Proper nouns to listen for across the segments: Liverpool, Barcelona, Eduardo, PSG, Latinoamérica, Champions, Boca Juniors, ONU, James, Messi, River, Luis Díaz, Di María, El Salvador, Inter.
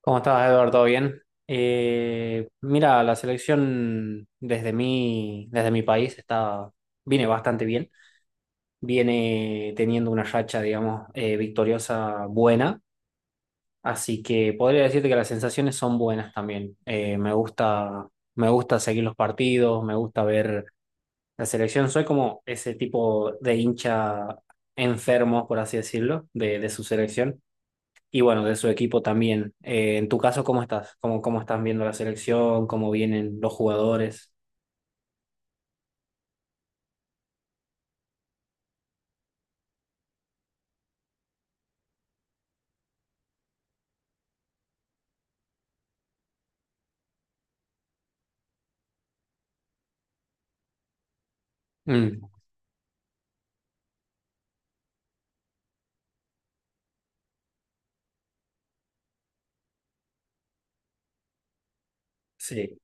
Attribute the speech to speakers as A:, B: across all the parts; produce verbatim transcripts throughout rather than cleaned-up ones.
A: ¿Cómo estás, Eduardo? ¿Todo bien? Eh, mira, la selección desde mi, desde mi país está, viene bastante bien. Viene teniendo una racha, digamos, eh, victoriosa buena. Así que podría decirte que las sensaciones son buenas también. Eh, me gusta, me gusta seguir los partidos, me gusta ver la selección. Soy como ese tipo de hincha enfermo, por así decirlo, de, de su selección y bueno, de su equipo también. Eh, en tu caso, ¿cómo estás? ¿Cómo, ¿cómo están viendo la selección? ¿Cómo vienen los jugadores? Mm, sí,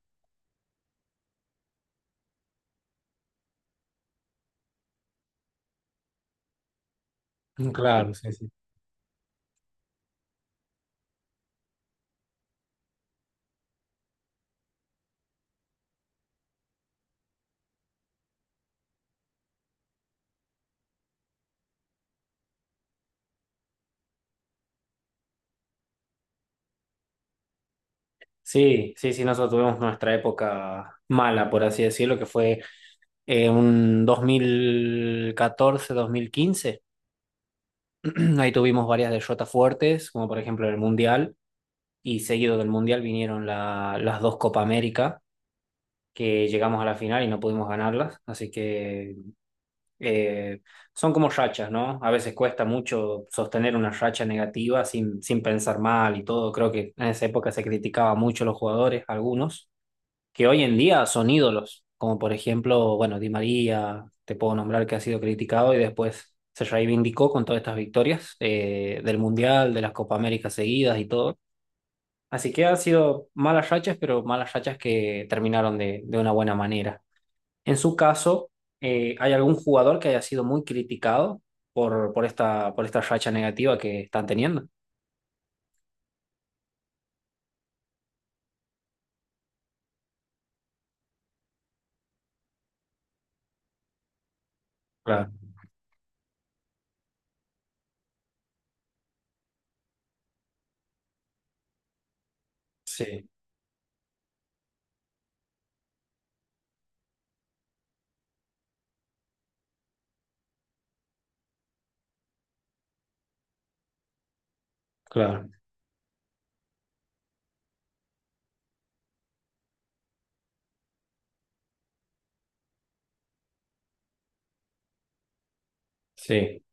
A: claro, sí, sí. Sí, sí, sí, nosotros tuvimos nuestra época mala, por así decirlo, que fue eh, un dos mil catorce, dos mil quince. Ahí tuvimos varias derrotas fuertes, como por ejemplo el Mundial, y seguido del Mundial vinieron la- las dos Copa América, que llegamos a la final y no pudimos ganarlas, así que eh, son como rachas, ¿no? A veces cuesta mucho sostener una racha negativa sin, sin pensar mal y todo. Creo que en esa época se criticaba mucho a los jugadores, algunos, que hoy en día son ídolos, como por ejemplo, bueno, Di María, te puedo nombrar que ha sido criticado y después se reivindicó con todas estas victorias eh, del Mundial, de las Copa América seguidas y todo. Así que han sido malas rachas, pero malas rachas que terminaron de, de una buena manera. En su caso, eh, ¿hay algún jugador que haya sido muy criticado por, por esta, por esta racha negativa que están teniendo? Claro, sí, claro, sí.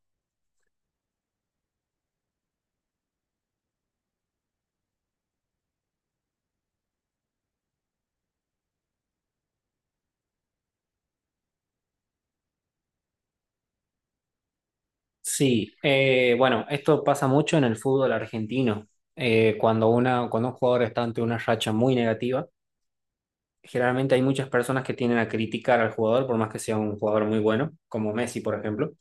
A: Sí, eh, bueno, esto pasa mucho en el fútbol argentino. Eh, cuando una, cuando un jugador está ante una racha muy negativa, generalmente hay muchas personas que tienden a criticar al jugador, por más que sea un jugador muy bueno, como Messi, por ejemplo.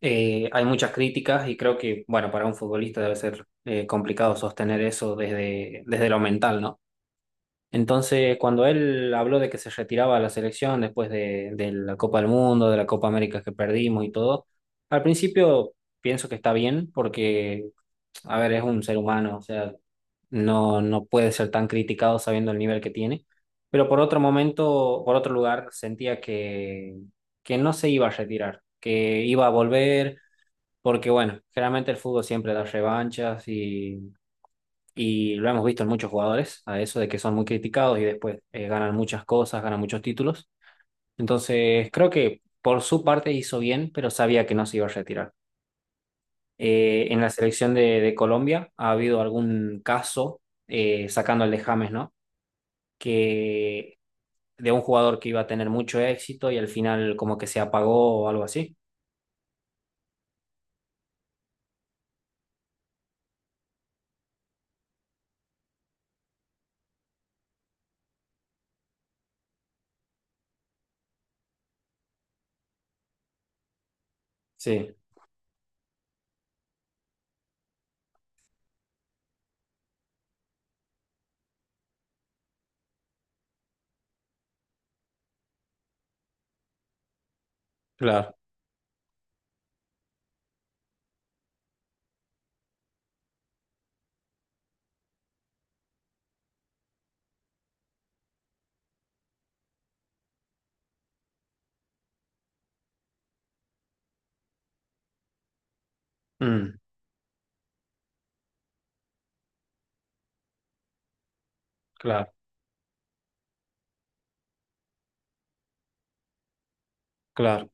A: Eh, hay muchas críticas y creo que, bueno, para un futbolista debe ser eh, complicado sostener eso desde, desde lo mental, ¿no? Entonces, cuando él habló de que se retiraba a la selección después de, de la Copa del Mundo, de la Copa América que perdimos y todo, al principio pienso que está bien porque, a ver, es un ser humano, o sea, no, no puede ser tan criticado sabiendo el nivel que tiene. Pero por otro momento, por otro lugar, sentía que, que no se iba a retirar, que iba a volver, porque bueno, generalmente el fútbol siempre da revanchas y lo hemos visto en muchos jugadores, a eso de que son muy criticados y después eh, ganan muchas cosas, ganan muchos títulos. Entonces, creo que por su parte hizo bien, pero sabía que no se iba a retirar. Eh, en la selección de, de Colombia ha habido algún caso, eh, sacando el de James, ¿no? Que de un jugador que iba a tener mucho éxito y al final como que se apagó o algo así. Sí, claro. Mm, claro, claro.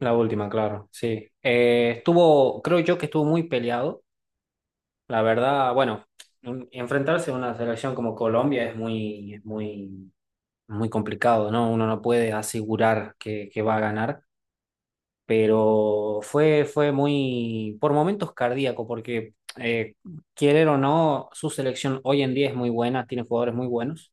A: La última, claro, sí. Eh, estuvo, creo yo que estuvo muy peleado. La verdad, bueno, un- enfrentarse a una selección como Colombia es muy, es muy, muy complicado, ¿no? Uno no puede asegurar que, que va a ganar, pero fue, fue muy, por momentos cardíaco, porque eh, querer o no, su selección hoy en día es muy buena, tiene jugadores muy buenos,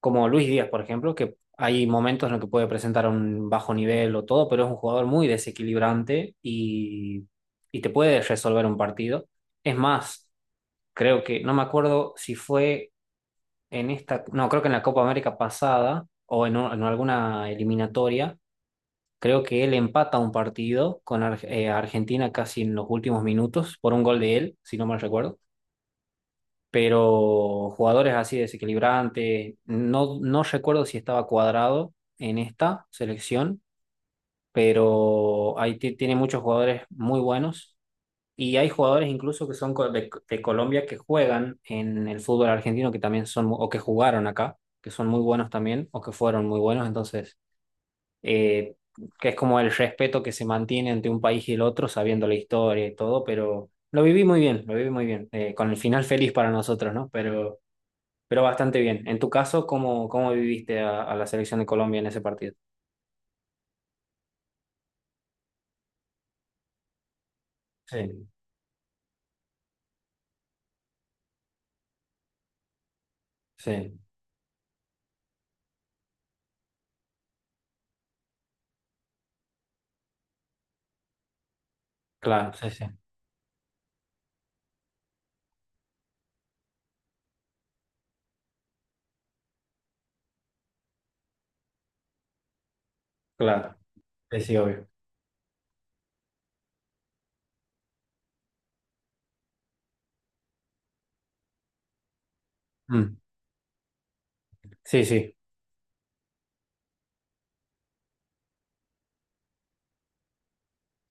A: como Luis Díaz, por ejemplo, que hay momentos en los que puede presentar un bajo nivel o todo, pero es un jugador muy desequilibrante y, y te puede resolver un partido. Es más, creo que, no me acuerdo si fue en esta, no, creo que en la Copa América pasada o en, un- en alguna eliminatoria, creo que él empata un partido con Ar- eh, Argentina casi en los últimos minutos por un gol de él, si no mal recuerdo. Pero jugadores así desequilibrantes, no, no recuerdo si estaba cuadrado en esta selección, pero ahí ti- tiene muchos jugadores muy buenos. Y hay jugadores incluso que son co- de, de Colombia que juegan en el fútbol argentino, que también son, mu- o que jugaron acá, que son muy buenos también, o que fueron muy buenos. Entonces, eh, que es como el respeto que se mantiene entre un país y el otro, sabiendo la historia y todo, pero lo viví muy bien, lo viví muy bien, eh, con el final feliz para nosotros, ¿no? Pero, pero bastante bien. En tu caso, ¿cómo, ¿cómo viviste a, a la selección de Colombia en ese partido? Sí, sí, claro, sí, sí, claro, sí, sí, obvio. Mm. Sí, sí.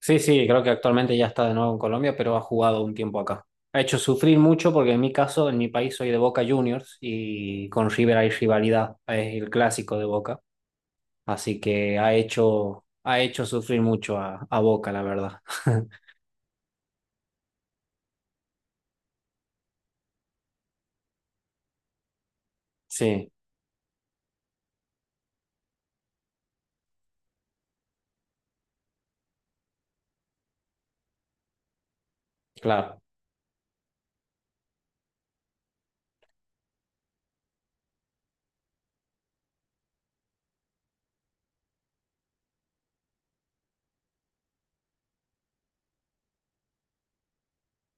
A: Sí, sí, creo que actualmente ya está de nuevo en Colombia, pero ha jugado un tiempo acá. Ha hecho sufrir mucho porque en mi caso, en mi país soy de Boca Juniors y con River hay rivalidad, es el clásico de Boca, así que ha hecho, ha hecho sufrir mucho a, a Boca, la verdad. Sí, claro.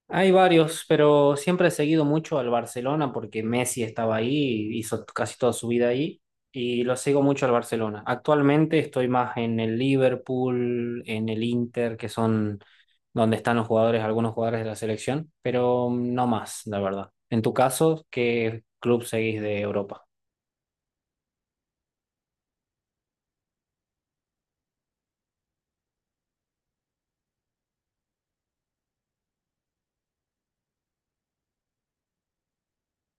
A: Hay varios, pero siempre he seguido mucho al Barcelona porque Messi estaba ahí, hizo casi toda su vida ahí y lo sigo mucho al Barcelona. Actualmente estoy más en el Liverpool, en el Inter, que son donde están los jugadores, algunos jugadores de la selección, pero no más, la verdad. En tu caso, ¿qué club seguís de Europa?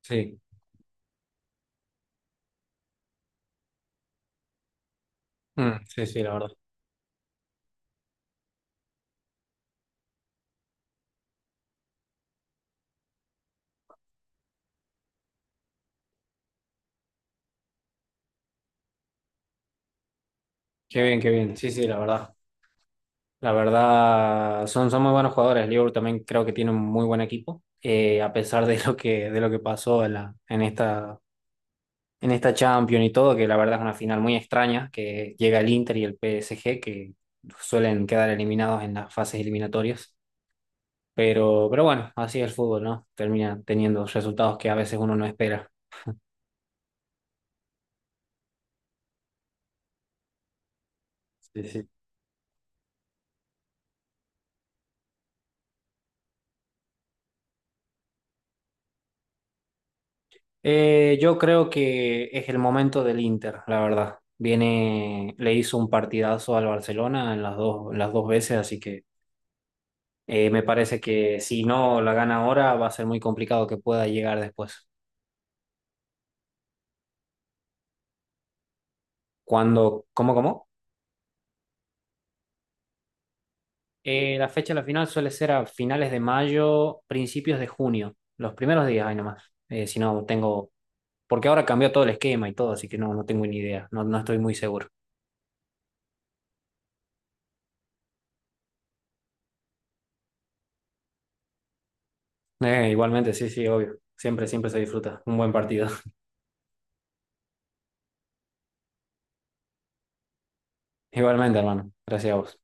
A: Sí. Mm, sí, sí, la verdad. Qué bien, qué bien. Sí, sí, la verdad. La verdad, son, son muy buenos jugadores. Liverpool también creo que tiene un muy buen equipo. Eh, a pesar de lo que, de lo que pasó en la, en esta, en esta Champions y todo, que la verdad es una final muy extraña, que llega el Inter y el P S G, que suelen quedar eliminados en las fases eliminatorias. Pero, pero bueno, así es el fútbol, ¿no? Termina teniendo resultados que a veces uno no espera. Sí, sí. Eh, yo creo que es el momento del Inter, la verdad. Viene, le hizo un partidazo al Barcelona en las dos, en las dos veces, así que eh, me parece que si no la gana ahora va a ser muy complicado que pueda llegar después. Cuando, ¿cómo, cómo? Eh, la fecha de la final suele ser a finales de mayo, principios de junio, los primeros días, ahí nomás. Eh, si no tengo, porque ahora cambió todo el esquema y todo, así que no, no tengo ni idea, no, no estoy muy seguro. Eh, igualmente, sí, sí, obvio. Siempre, siempre se disfruta. Un buen partido. Igualmente, hermano. Gracias a vos.